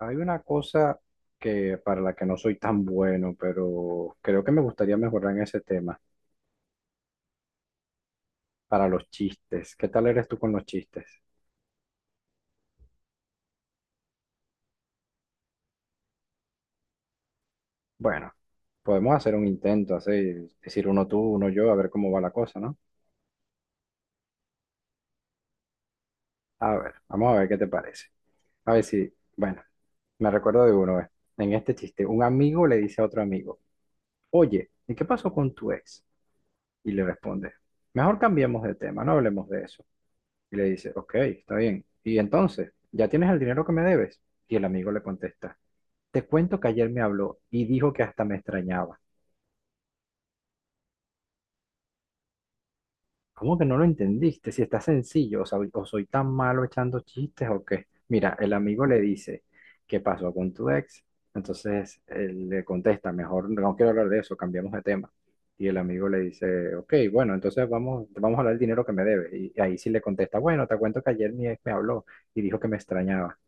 Hay una cosa que para la que no soy tan bueno, pero creo que me gustaría mejorar en ese tema, para los chistes. ¿Qué tal eres tú con los chistes? Bueno, podemos hacer un intento, así, decir uno tú, uno yo, a ver cómo va la cosa, ¿no? A ver, vamos a ver qué te parece. A ver si, bueno, me recuerdo de uno, ¿eh? En este chiste, un amigo le dice a otro amigo, oye, ¿y qué pasó con tu ex? Y le responde, mejor cambiemos de tema, no hablemos de eso. Y le dice, ok, está bien. Y entonces, ¿ya tienes el dinero que me debes? Y el amigo le contesta, te cuento que ayer me habló y dijo que hasta me extrañaba. ¿Cómo que no lo entendiste? Si está sencillo, o, o soy tan malo echando chistes o qué. Mira, el amigo le dice, ¿qué pasó con tu ex? Entonces él le contesta, mejor no quiero hablar de eso, cambiamos de tema. Y el amigo le dice, ok, bueno, entonces vamos a hablar del dinero que me debes. Y ahí sí le contesta, bueno, te cuento que ayer mi ex me habló y dijo que me extrañaba.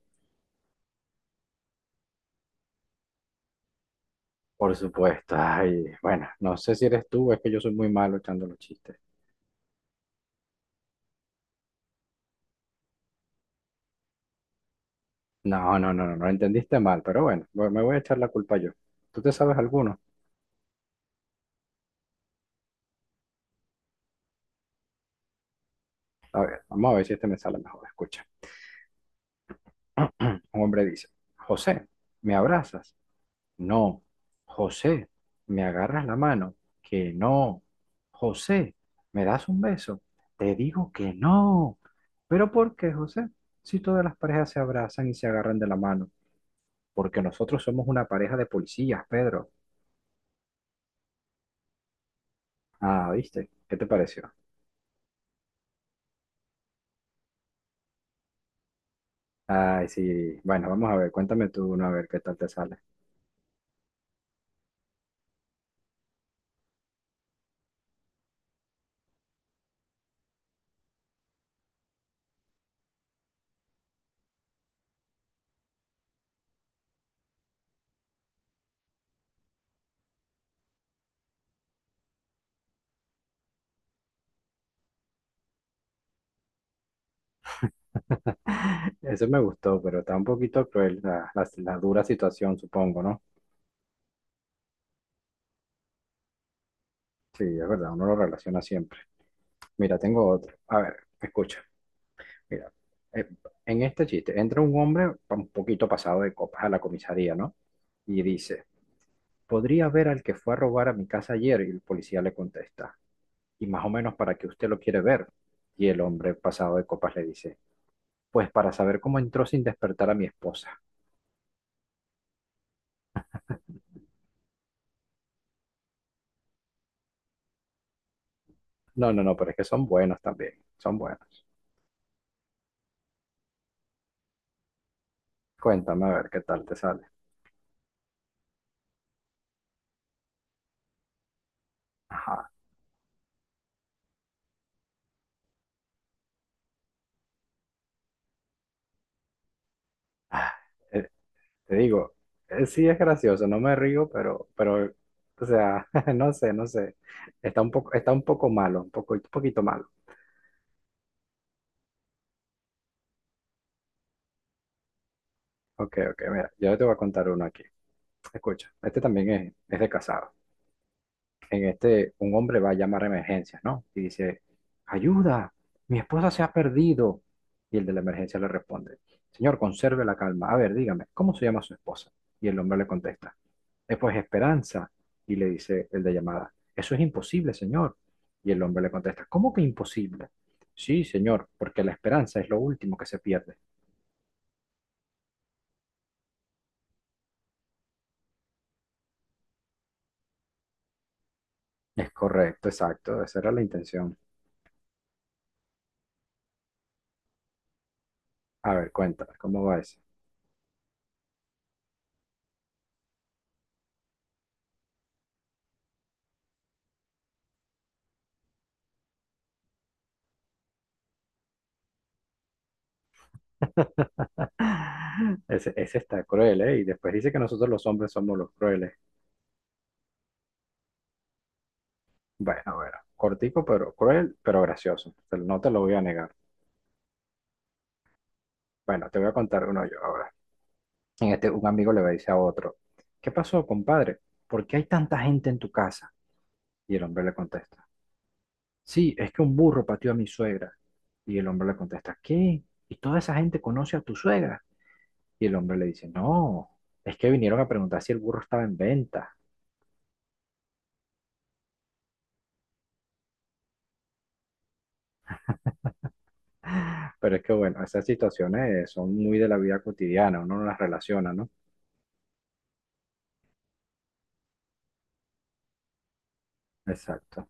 Por supuesto. Ay, bueno, no sé si eres tú o es que yo soy muy malo echando los chistes. No, no, no, no, no entendiste mal, pero bueno, me voy a echar la culpa yo. ¿Tú te sabes alguno? A ver, vamos a ver si este me sale mejor. Escucha. Un hombre dice, José, ¿me abrazas? No. José, ¿me agarras la mano? Que no. José, ¿me das un beso? Te digo que no. ¿Pero por qué, José? Si todas las parejas se abrazan y se agarran de la mano. Porque nosotros somos una pareja de policías, Pedro. Ah, ¿viste? ¿Qué te pareció? Ay, sí. Bueno, vamos a ver, cuéntame tú uno a ver qué tal te sale. Ese me gustó, pero está un poquito cruel la dura situación, supongo, ¿no? Sí, es verdad, uno lo relaciona siempre. Mira, tengo otro. A ver, escucha. Mira, eh, en este chiste entra un hombre un poquito pasado de copas a la comisaría, ¿no? Y dice, podría ver al que fue a robar a mi casa ayer y el policía le contesta. Y más o menos para qué usted lo quiere ver. Y el hombre pasado de copas le dice, pues para saber cómo entró sin despertar a mi esposa. No, no, no, pero es que son buenos también, son buenos. Cuéntame a ver qué tal te sale. Ajá. Ah, eh, te digo, sí es gracioso, no me río, pero, o sea, no sé, no sé. Está un poco malo, un poco, un poquito malo. Ok, ok, mira, yo te voy a contar uno aquí. Escucha, este también es de casado. En este, un hombre va a llamar a emergencias, ¿no? Y dice, ayuda, mi esposa se ha perdido. Y el de la emergencia le responde, señor, conserve la calma. A ver, dígame, ¿cómo se llama su esposa? Y el hombre le contesta, pues Esperanza". Y le dice el de llamada, eso es imposible, señor. Y el hombre le contesta, ¿cómo que imposible? Sí, señor, porque la esperanza es lo último que se pierde. Es correcto, exacto, esa era la intención. A ver, cuéntame, ¿cómo va eso? Ah, ese está cruel, ¿eh? Y después dice que nosotros los hombres somos los crueles. Bueno, bueno, cortico, pero cruel, pero gracioso. No te lo voy a negar. Bueno, te voy a contar uno yo ahora. En este, un amigo le dice a otro, ¿qué pasó, compadre? ¿Por qué hay tanta gente en tu casa? Y el hombre le contesta, sí, es que un burro pateó a mi suegra. Y el hombre le contesta, ¿qué? ¿Y toda esa gente conoce a tu suegra? Y el hombre le dice, no, es que vinieron a preguntar si el burro estaba en venta. Pero es que, bueno, esas situaciones son muy de la vida cotidiana, uno no las relaciona, ¿no? Exacto.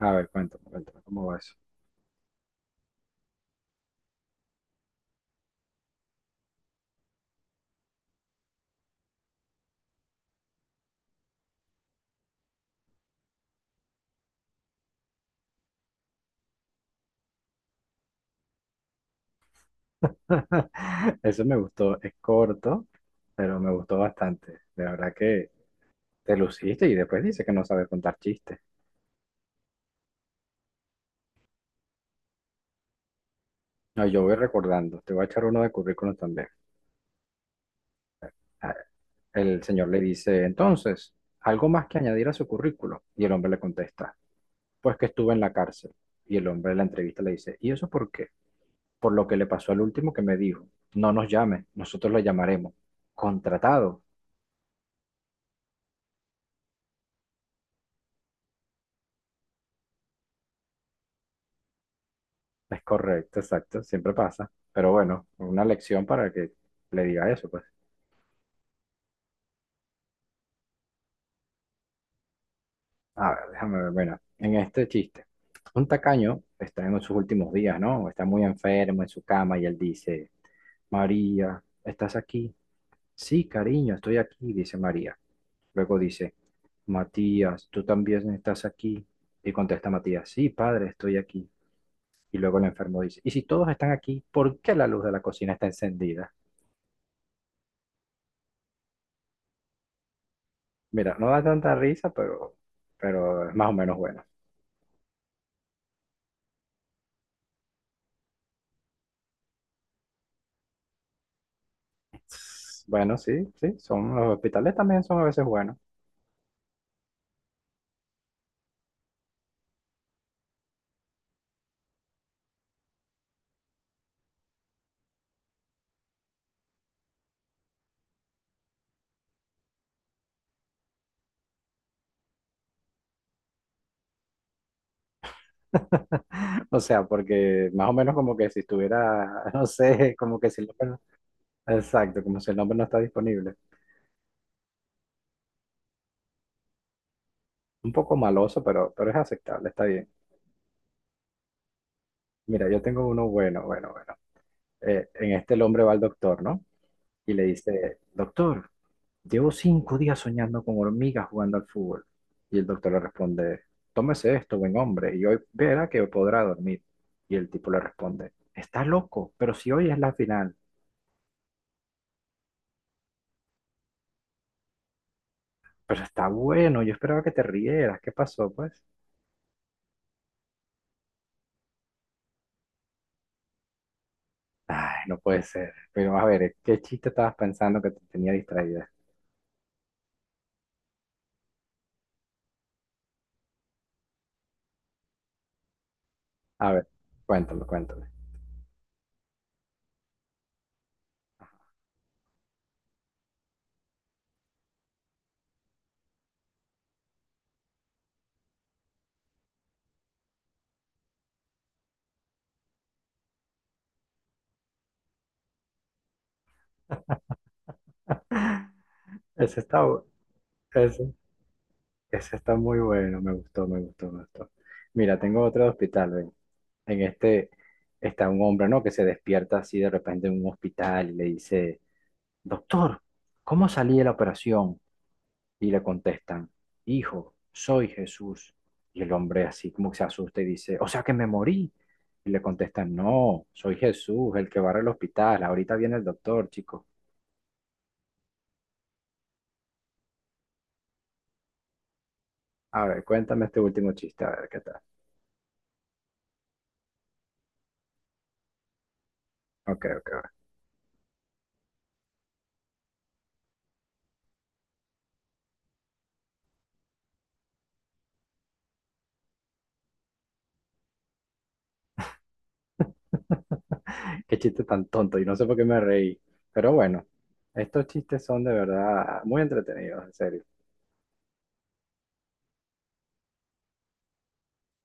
A ver, cuéntame, cuéntame, ¿cómo va eso? Eso me gustó, es corto, pero me gustó bastante. De verdad que te luciste y después dice que no sabes contar chistes. No, yo voy recordando, te voy a echar uno de currículum también. A- El señor le dice, entonces, ¿algo más que añadir a su currículo? Y el hombre le contesta, pues que estuve en la cárcel. Y el hombre en la entrevista le dice, ¿y eso por qué? Por lo que le pasó al último que me dijo, no nos llame, nosotros lo llamaremos. Contratado. Es correcto, exacto, siempre pasa. Pero bueno, una lección para que le diga eso, pues. A ver, déjame ver, bueno, en este chiste. Un tacaño está en sus últimos días, ¿no? Está muy enfermo en su cama y él dice, María, ¿estás aquí? Sí, cariño, estoy aquí, dice María. Luego dice, Matías, ¿tú también estás aquí? Y contesta Matías, sí, padre, estoy aquí. Y luego el enfermo dice, ¿y si todos están aquí, por qué la luz de la cocina está encendida? Mira, no da tanta risa, pero es más o menos bueno. Bueno, sí, sí, son los hospitales también son a veces buenos. O sea, porque más o menos como que si estuviera, no sé, como que si el nombre, exacto, como si el nombre no está disponible. Un poco maloso, pero es aceptable, está bien. Mira, yo tengo uno bueno, bueno, bueno. En este el hombre va al doctor, ¿no? Y le dice, doctor, llevo 5 días soñando con hormigas jugando al fútbol. Y el doctor le responde, tómese esto, buen hombre, y hoy verá que podrá dormir. Y el tipo le responde, está loco, pero si hoy es la final. Pero está bueno, yo esperaba que te rieras, ¿qué pasó, pues? Ay, no puede ser. Pero a ver, ¿qué chiste estabas pensando que te tenía distraída? A ver, cuéntame, cuéntame. Ese está, bueno. Ese está muy bueno, me gustó, me gustó, me gustó. Mira, tengo otro de hospital, ven. En este está un hombre, ¿no? Que se despierta así de repente en un hospital y le dice, doctor, ¿cómo salí de la operación? Y le contestan, hijo, soy Jesús. Y el hombre así como que se asusta y dice, o sea que me morí. Y le contestan, no, soy Jesús, el que barre el hospital. Ahorita viene el doctor, chico. A ver, cuéntame este último chiste, a ver qué tal. Ok, ok, ok. Qué chiste tan tonto y no sé por qué me reí. Pero bueno, estos chistes son de verdad muy entretenidos, en serio.